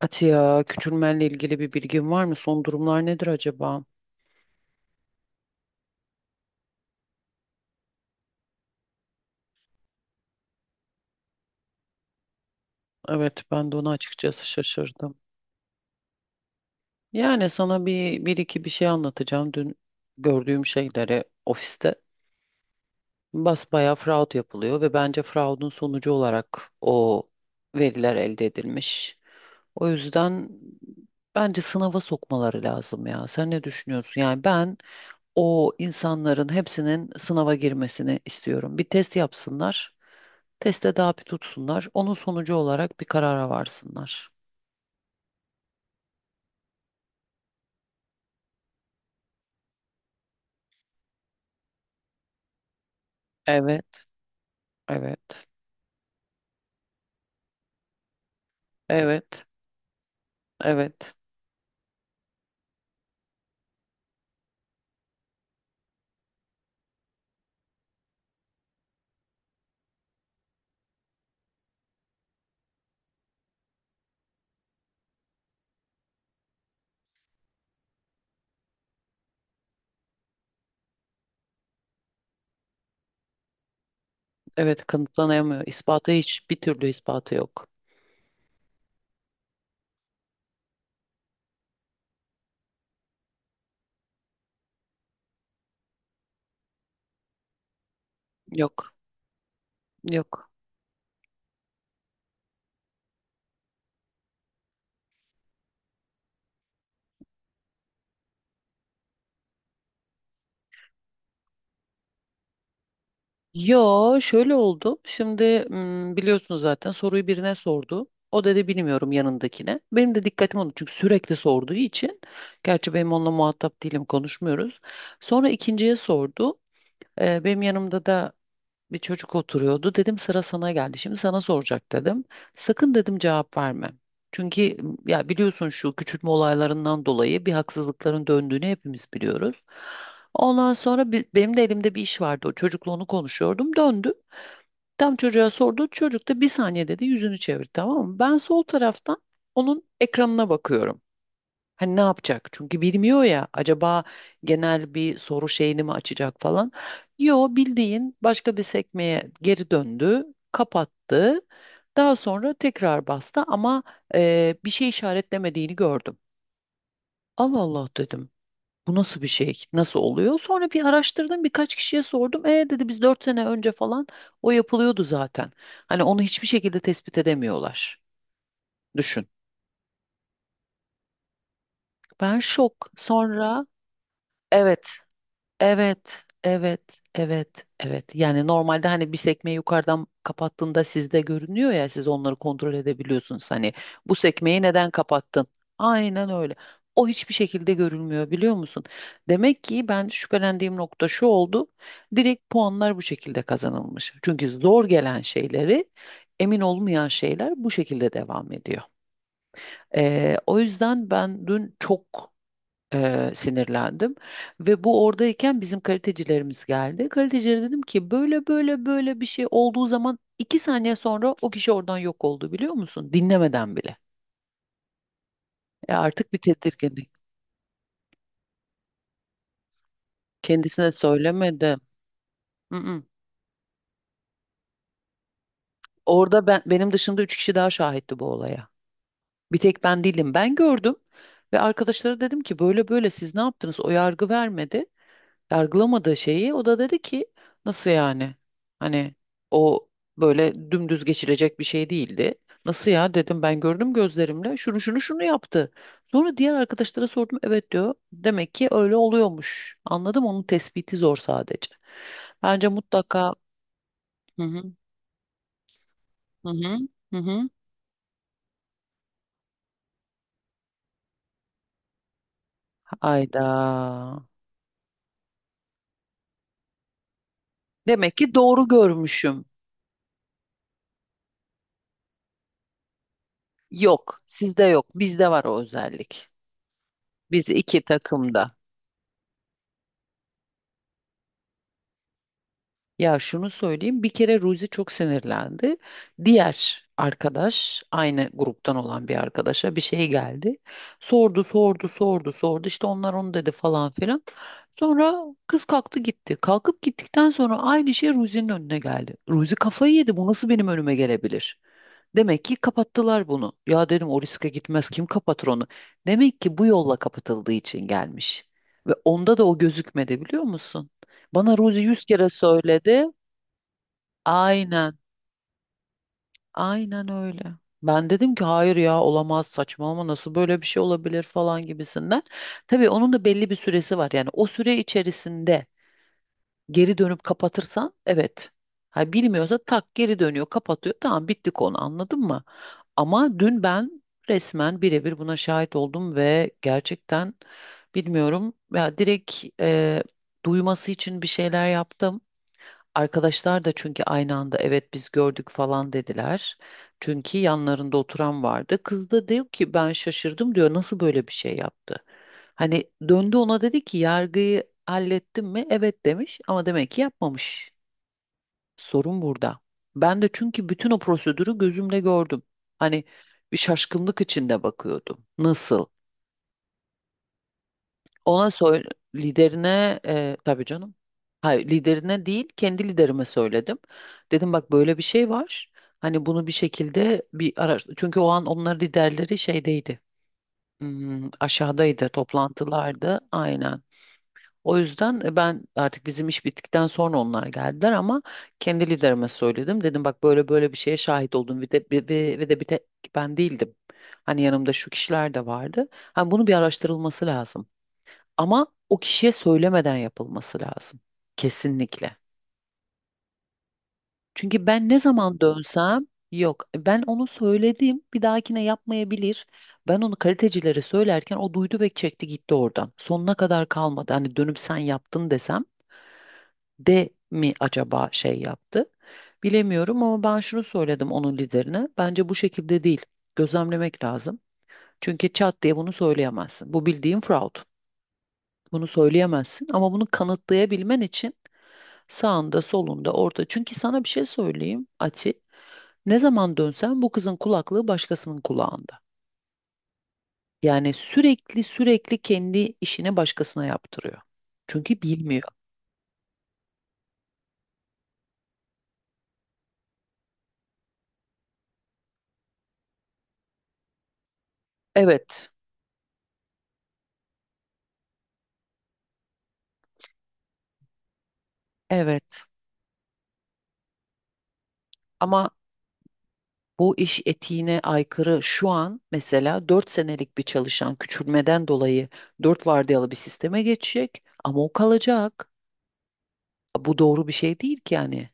Atiye, küçülmenle ilgili bir bilgin var mı? Son durumlar nedir acaba? Evet, ben de ona açıkçası şaşırdım. Yani sana bir, bir iki bir şey anlatacağım. Dün gördüğüm şeyleri ofiste basbayağı fraud yapılıyor ve bence fraudun sonucu olarak o veriler elde edilmiş. O yüzden bence sınava sokmaları lazım ya. Sen ne düşünüyorsun? Yani ben o insanların hepsinin sınava girmesini istiyorum. Bir test yapsınlar. Teste daha bir tutsunlar. Onun sonucu olarak bir karara varsınlar. Evet, evet, evet, evet, evet kanıtlanamıyor. İspatı hiç bir türlü ispatı yok. Yok, yok. Yo şöyle oldu. Şimdi biliyorsunuz zaten soruyu birine sordu. O dedi bilmiyorum yanındakine. Benim de dikkatim oldu çünkü sürekli sorduğu için. Gerçi benim onunla muhatap değilim konuşmuyoruz. Sonra ikinciye sordu. Benim yanımda da bir çocuk oturuyordu. Dedim sıra sana geldi. Şimdi sana soracak dedim. Sakın dedim cevap verme. Çünkü ya biliyorsun şu küçültme olaylarından dolayı bir haksızlıkların döndüğünü hepimiz biliyoruz. Ondan sonra benim de elimde bir iş vardı. O çocukla onu konuşuyordum. Döndü. Tam çocuğa sordu. Çocuk da bir saniye dedi yüzünü çevir tamam mı? Ben sol taraftan onun ekranına bakıyorum. Hani ne yapacak? Çünkü bilmiyor ya. Acaba genel bir soru şeyini mi açacak falan. Yo bildiğin başka bir sekmeye geri döndü, kapattı. Daha sonra tekrar bastı ama bir şey işaretlemediğini gördüm. Allah Allah dedim. Bu nasıl bir şey? Nasıl oluyor? Sonra bir araştırdım, birkaç kişiye sordum. E dedi biz 4 sene önce falan o yapılıyordu zaten. Hani onu hiçbir şekilde tespit edemiyorlar. Düşün. Ben şok. Sonra evet. Evet, evet, evet, evet. Yani normalde hani bir sekmeyi yukarıdan kapattığında sizde görünüyor ya siz onları kontrol edebiliyorsunuz. Hani bu sekmeyi neden kapattın? Aynen öyle. O hiçbir şekilde görülmüyor biliyor musun? Demek ki ben şüphelendiğim nokta şu oldu. Direkt puanlar bu şekilde kazanılmış. Çünkü zor gelen şeyleri, emin olmayan şeyler bu şekilde devam ediyor. O yüzden ben dün çok sinirlendim. Ve bu oradayken bizim kalitecilerimiz geldi. Kalitecilere dedim ki böyle böyle böyle bir şey olduğu zaman iki saniye sonra o kişi oradan yok oldu biliyor musun? Dinlemeden bile. E artık bir tedirginlik. Kendisine söylemedim. Mm-mm. Orada ben benim dışımda üç kişi daha şahitti bu olaya. Bir tek ben değilim. Ben gördüm ve arkadaşlara dedim ki böyle böyle siz ne yaptınız? O yargı vermedi. Yargılamadığı şeyi o da dedi ki nasıl yani? Hani o böyle dümdüz geçilecek bir şey değildi. Nasıl ya dedim ben gördüm gözlerimle şunu şunu şunu yaptı. Sonra diğer arkadaşlara sordum evet diyor. Demek ki öyle oluyormuş. Anladım onun tespiti zor sadece. Bence mutlaka hı hı hı hı hı hı. Hayda. Demek ki doğru görmüşüm. Yok, sizde yok. Bizde var o özellik. Biz iki takımda. Ya şunu söyleyeyim bir kere Ruzi çok sinirlendi. Diğer arkadaş aynı gruptan olan bir arkadaşa bir şey geldi. Sordu sordu sordu sordu işte onlar onu dedi falan filan. Sonra kız kalktı gitti. Kalkıp gittikten sonra aynı şey Ruzi'nin önüne geldi. Ruzi kafayı yedi bu nasıl benim önüme gelebilir? Demek ki kapattılar bunu. Ya dedim o riske gitmez kim kapatır onu? Demek ki bu yolla kapatıldığı için gelmiş. Ve onda da o gözükmedi biliyor musun? Bana Ruzi yüz kere söyledi. Aynen, aynen öyle. Ben dedim ki hayır ya olamaz saçmalama nasıl böyle bir şey olabilir falan gibisinden. Tabii onun da belli bir süresi var. Yani o süre içerisinde geri dönüp kapatırsan evet. Ha bilmiyorsa tak geri dönüyor, kapatıyor. Tamam bitti konu anladın mı? Ama dün ben resmen birebir buna şahit oldum ve gerçekten bilmiyorum ya direkt duyması için bir şeyler yaptım. Arkadaşlar da çünkü aynı anda evet biz gördük falan dediler. Çünkü yanlarında oturan vardı. Kız da diyor ki ben şaşırdım diyor nasıl böyle bir şey yaptı? Hani döndü ona dedi ki yargıyı hallettim mi? Evet demiş ama demek ki yapmamış. Sorun burada. Ben de çünkü bütün o prosedürü gözümle gördüm. Hani bir şaşkınlık içinde bakıyordum. Nasıl? Ona söyle liderine tabii canım. Hayır liderine değil kendi liderime söyledim. Dedim bak böyle bir şey var. Hani bunu bir şekilde bir araştır. Çünkü o an onların liderleri şeydeydi. Aşağıdaydı toplantılarda aynen. O yüzden ben artık bizim iş bittikten sonra onlar geldiler ama kendi liderime söyledim. Dedim bak böyle böyle bir şeye şahit oldum ve de bir tek ben değildim. Hani yanımda şu kişiler de vardı. Hani bunu bir araştırılması lazım. Ama o kişiye söylemeden yapılması lazım. Kesinlikle. Çünkü ben ne zaman dönsem yok ben onu söyledim bir dahakine yapmayabilir. Ben onu kalitecilere söylerken o duydu ve çekti gitti oradan. Sonuna kadar kalmadı. Hani dönüp sen yaptın desem de mi acaba şey yaptı? Bilemiyorum ama ben şunu söyledim onun liderine. Bence bu şekilde değil. Gözlemlemek lazım. Çünkü çat diye bunu söyleyemezsin. Bu bildiğin fraud. Bunu söyleyemezsin ama bunu kanıtlayabilmen için sağında, solunda, orta. Çünkü sana bir şey söyleyeyim Ati. Ne zaman dönsen bu kızın kulaklığı başkasının kulağında. Yani sürekli sürekli kendi işini başkasına yaptırıyor. Çünkü bilmiyor. Evet, evet. Ama bu iş etiğine aykırı şu an mesela 4 senelik bir çalışan küçülmeden dolayı 4 vardiyalı bir sisteme geçecek ama o kalacak. Bu doğru bir şey değil ki yani.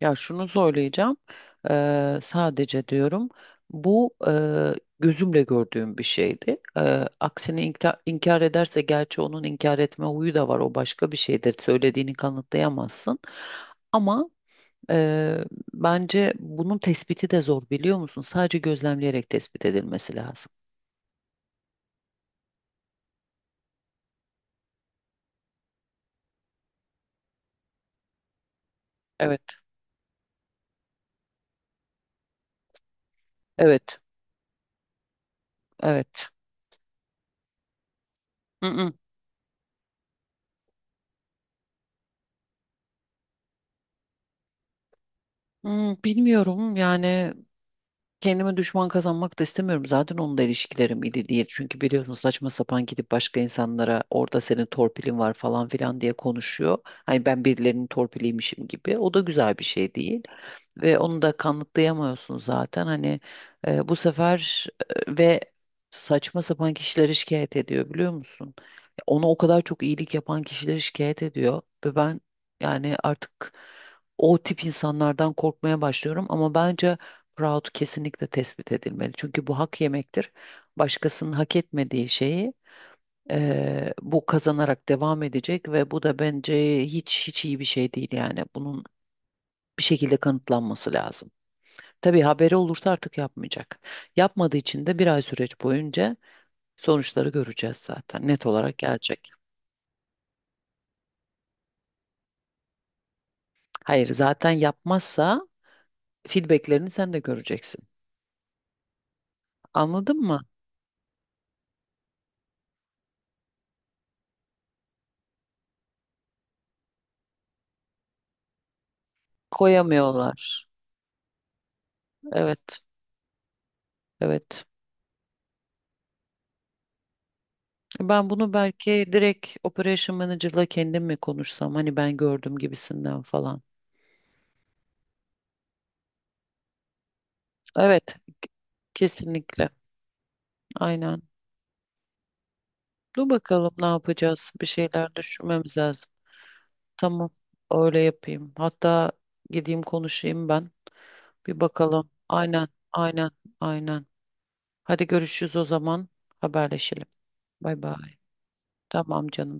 Ya şunu söyleyeceğim. Sadece diyorum bu gözümle gördüğüm bir şeydi. Aksini inkar ederse gerçi onun inkar etme huyu da var. O başka bir şeydir. Söylediğini kanıtlayamazsın. Ama eee, bence bunun tespiti de zor biliyor musun? Sadece gözlemleyerek tespit edilmesi lazım. Evet, evet, evet. Mm, mm. Bilmiyorum yani kendime düşman kazanmak da istemiyorum. Zaten onun da ilişkilerim iyi değil. Çünkü biliyorsun saçma sapan gidip başka insanlara orada senin torpilin var falan filan diye konuşuyor. Hani ben birilerinin torpiliymişim gibi. O da güzel bir şey değil. Ve onu da kanıtlayamıyorsun zaten. Hani bu sefer ve saçma sapan kişileri şikayet ediyor biliyor musun? Ona o kadar çok iyilik yapan kişileri şikayet ediyor. Ve ben yani artık o tip insanlardan korkmaya başlıyorum. Ama bence Proud kesinlikle tespit edilmeli. Çünkü bu hak yemektir. Başkasının hak etmediği şeyi bu kazanarak devam edecek ve bu da bence hiç hiç iyi bir şey değil yani. Bunun bir şekilde kanıtlanması lazım. Tabii haberi olursa artık yapmayacak. Yapmadığı için de bir ay süreç boyunca sonuçları göreceğiz zaten. Net olarak gelecek. Hayır, zaten yapmazsa feedbacklerini sen de göreceksin. Anladın mı? Koyamıyorlar. Evet, evet. Ben bunu belki direkt Operation Manager'la kendim mi konuşsam hani ben gördüm gibisinden falan. Evet, kesinlikle. Aynen. Dur bakalım ne yapacağız? Bir şeyler düşünmemiz lazım. Tamam, öyle yapayım. Hatta gideyim konuşayım ben. Bir bakalım. Aynen, aynen, aynen. Hadi görüşürüz o zaman. Haberleşelim. Bay bay. Tamam canım.